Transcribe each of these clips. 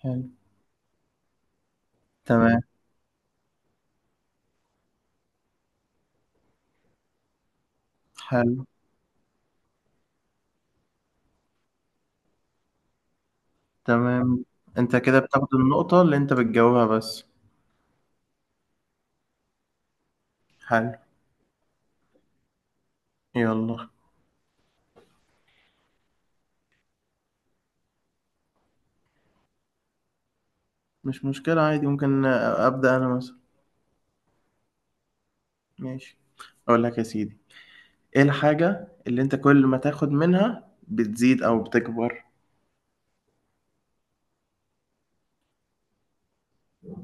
حلو. تمام. حلو. تمام. انت كده بتاخد النقطة اللي انت بتجاوبها بس؟ حلو. يلا. مش مشكلة عادي، ممكن أبدأ أنا مثلا. ماشي. أقول لك يا سيدي، إيه الحاجة اللي انت كل ما تاخد منها بتزيد أو بتكبر؟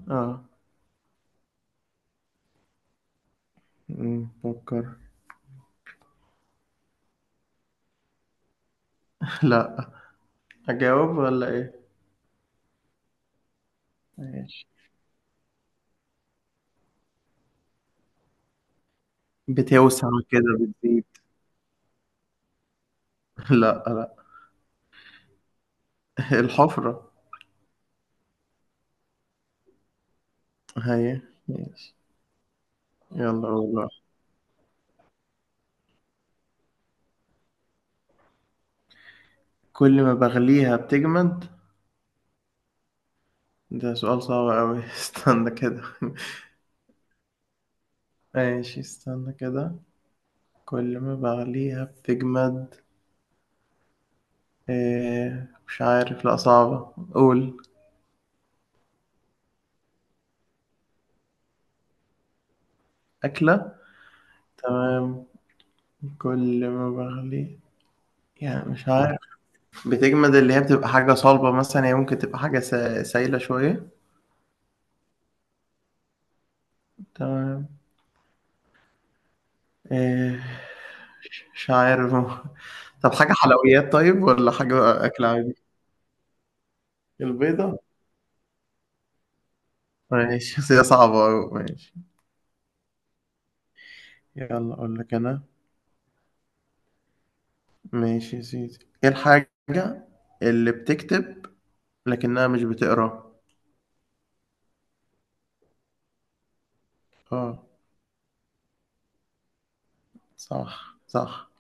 اه. فكر. لا. أجاوب ولا إيه؟ ماشي. بتوسع كده، بتزيد. لا لا. الحفرة. هي. ماشي. يلا والله. كل ما بغليها بتجمد. ده سؤال صعب أوي. استنى كده. ماشي استنى كده. كل ما بغليها بتجمد. إيه؟ مش عارف، لأ صعبة، قول. أكلة. تمام. كل ما بغليها. يعني مش عارف. بتجمد اللي هي بتبقى حاجة صلبة مثلا، هي ممكن تبقى حاجة سايلة شوية. تمام. إيه؟ مش عارف. طب حاجة حلويات طيب، ولا حاجة أكل عادي؟ البيضة؟ ماشي، بس هي صعبة أوي، ماشي. يلا أقول لك أنا. ماشي يا سيدي، ايه الحاجة اللي بتكتب لكنها مش بتقرا؟ اه. صح صح،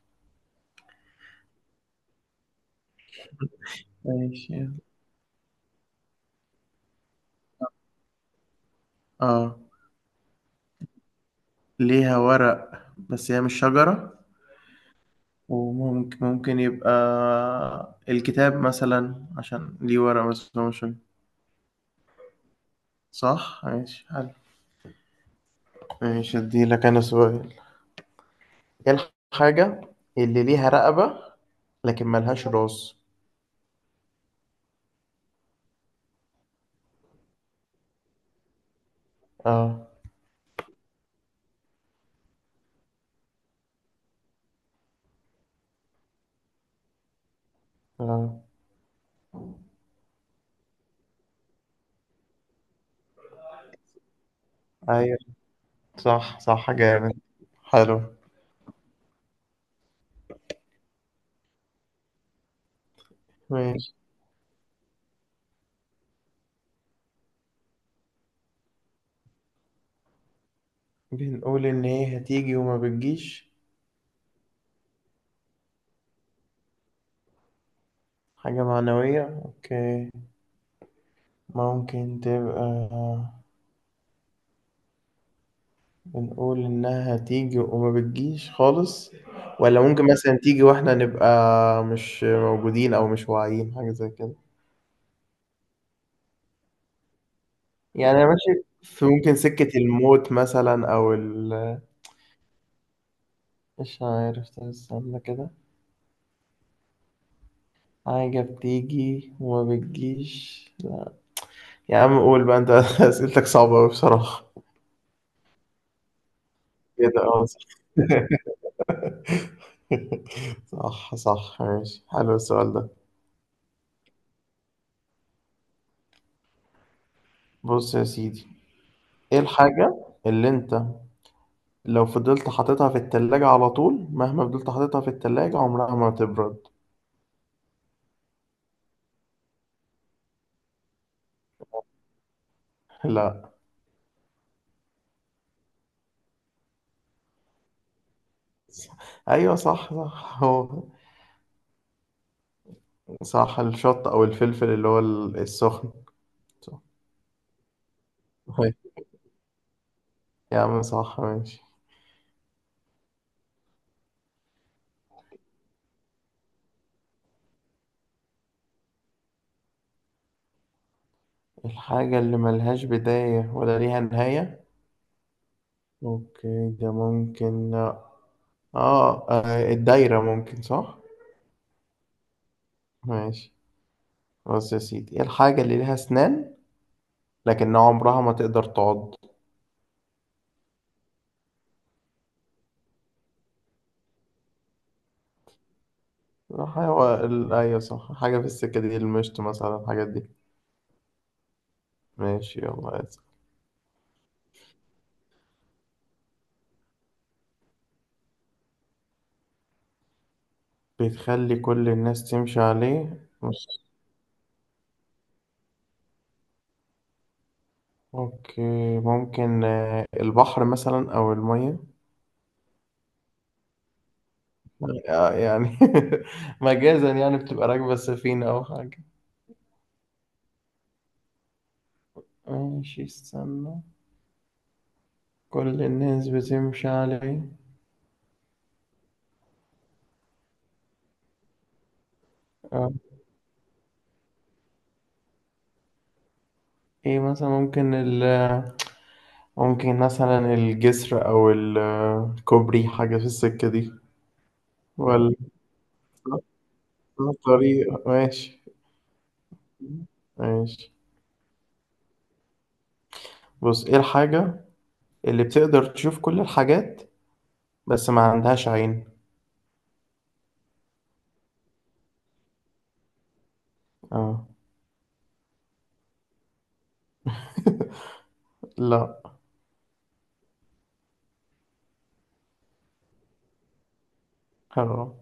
ماشي. اه ليها ورق بس هي مش شجرة. وممكن ممكن يبقى الكتاب مثلا عشان ليه ورق بس هو مش شجرة. صح ماشي حلو. ماشي اديلك انا سؤال. ايه الحاجة اللي ليها رقبة لكن ملهاش راس؟ اه. اه، ايوه صح صح جامد. حلو ماشي. بنقول إن هي هتيجي وما بتجيش. حاجة معنوية، أوكي. ممكن تبقى بنقول إنها هتيجي وما بتجيش خالص. ولا ممكن مثلا تيجي وإحنا نبقى مش موجودين أو مش واعيين، حاجة زي كده. يعني أنا ماشي في، ممكن سكة الموت مثلا، أو مش عارف، طب استنى كده. حاجة بتيجي وما بتجيش، لا. يا عم قول بقى أنت. أسئلتك صعبة أوي بصراحة. كده اه. صح صح ماشي حلو السؤال ده. بص يا سيدي، ايه الحاجة اللي انت لو فضلت حاططها في التلاجة على طول، مهما فضلت حاططها في التلاجة عمرها ما تبرد؟ لا. ايوه صح صح هو. صح الشط او الفلفل اللي هو السخن. صح. أيوة. يا عم صح ماشي. الحاجة اللي ملهاش بداية ولا ليها نهاية. اوكي ده ممكن. اه، الدايرة ممكن، صح. ماشي. بص يا سيدي، إيه الحاجة اللي ليها أسنان لكن عمرها ما تقدر تعض؟ أيوة صح، حاجة في السكة دي، المشط مثلا، الحاجات دي. ماشي يلا اسأل. بتخلي كل الناس تمشي عليه، مش... أوكي. ممكن البحر مثلا أو المية. يعني مجازا يعني بتبقى راكبة سفينة أو حاجة. ماشي استنى. كل الناس بتمشي عليه. آه، إيه مثلا، ممكن ممكن مثلا الجسر، أو الكوبري، حاجة في السكة دي، ولا... طريق، ماشي. ماشي. بص، ايه الحاجة اللي بتقدر تشوف كل الحاجات بس ما عندهاش عين؟ اه. لا. اه.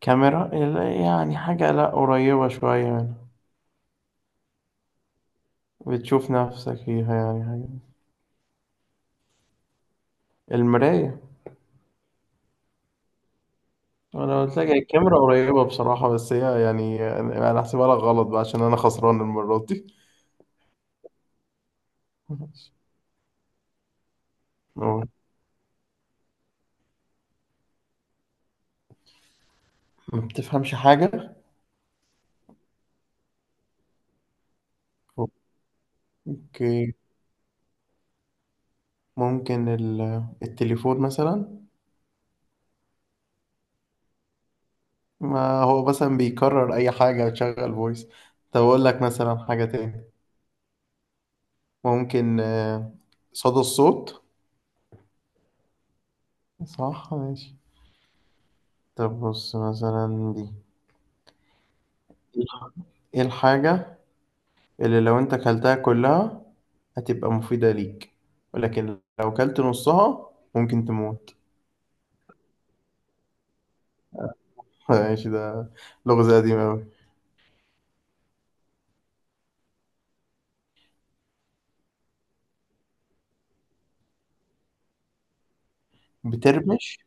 كاميرا لا، يعني حاجة لا قريبة شوية يعني. بتشوف نفسك فيها، يعني حاجة. المراية. انا قلت لك الكاميرا قريبة بصراحة، بس هي يعني أنا هحسبها لك غلط بقى عشان انا خسران المرة دي. ماشي. أوه. ما بتفهمش حاجة. اوكي، ممكن التليفون مثلا. ما هو مثلا بيكرر اي حاجة وتشغل فويس. طب اقول لك مثلا حاجة تاني. ممكن صدى الصوت. صح ماشي. طب بص مثلا دي، ايه الحاجة اللي لو انت كلتها كلها هتبقى مفيدة ليك، ولكن لو كلت نصها ممكن تموت؟ ماشي ده لغز قديم اوي. بترمش.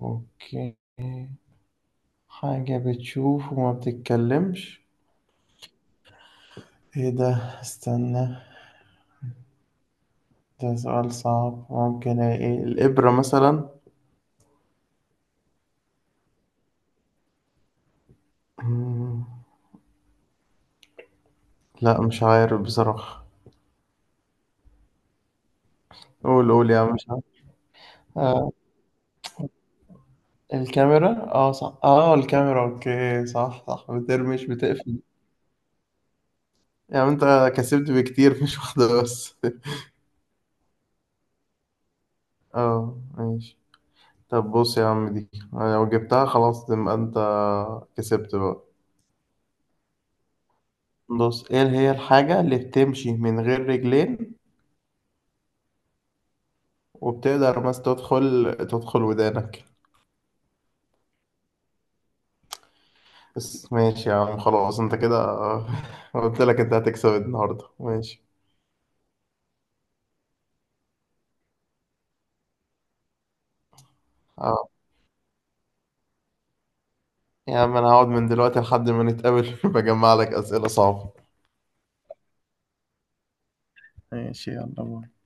اوكي. حاجة بتشوف وما بتتكلمش. ايه ده؟ استنى. ده سؤال صعب. ممكن ايه، الإبرة مثلا؟ مم، لا مش عارف بصراحة. قول قول يا عم، مش عارف. آه الكاميرا، اه صح، اه الكاميرا، اوكي، صح صح بترمش بتقفل. يعني انت كسبت بكتير، مش واحدة بس. اه ماشي. طب بص يا عم، دي أنا لو جبتها خلاص تبقى انت كسبت بقى. بص، ايه هي الحاجة اللي بتمشي من غير رجلين وبتقدر بس تدخل ودانك؟ بس ماشي يا عم خلاص انت كده. قلت لك انت هتكسب النهارده، ماشي. اه يا عم انا هقعد من دلوقتي لحد ما نتقابل. بجمع لك اسئله صعبه. ماشي يلا باي.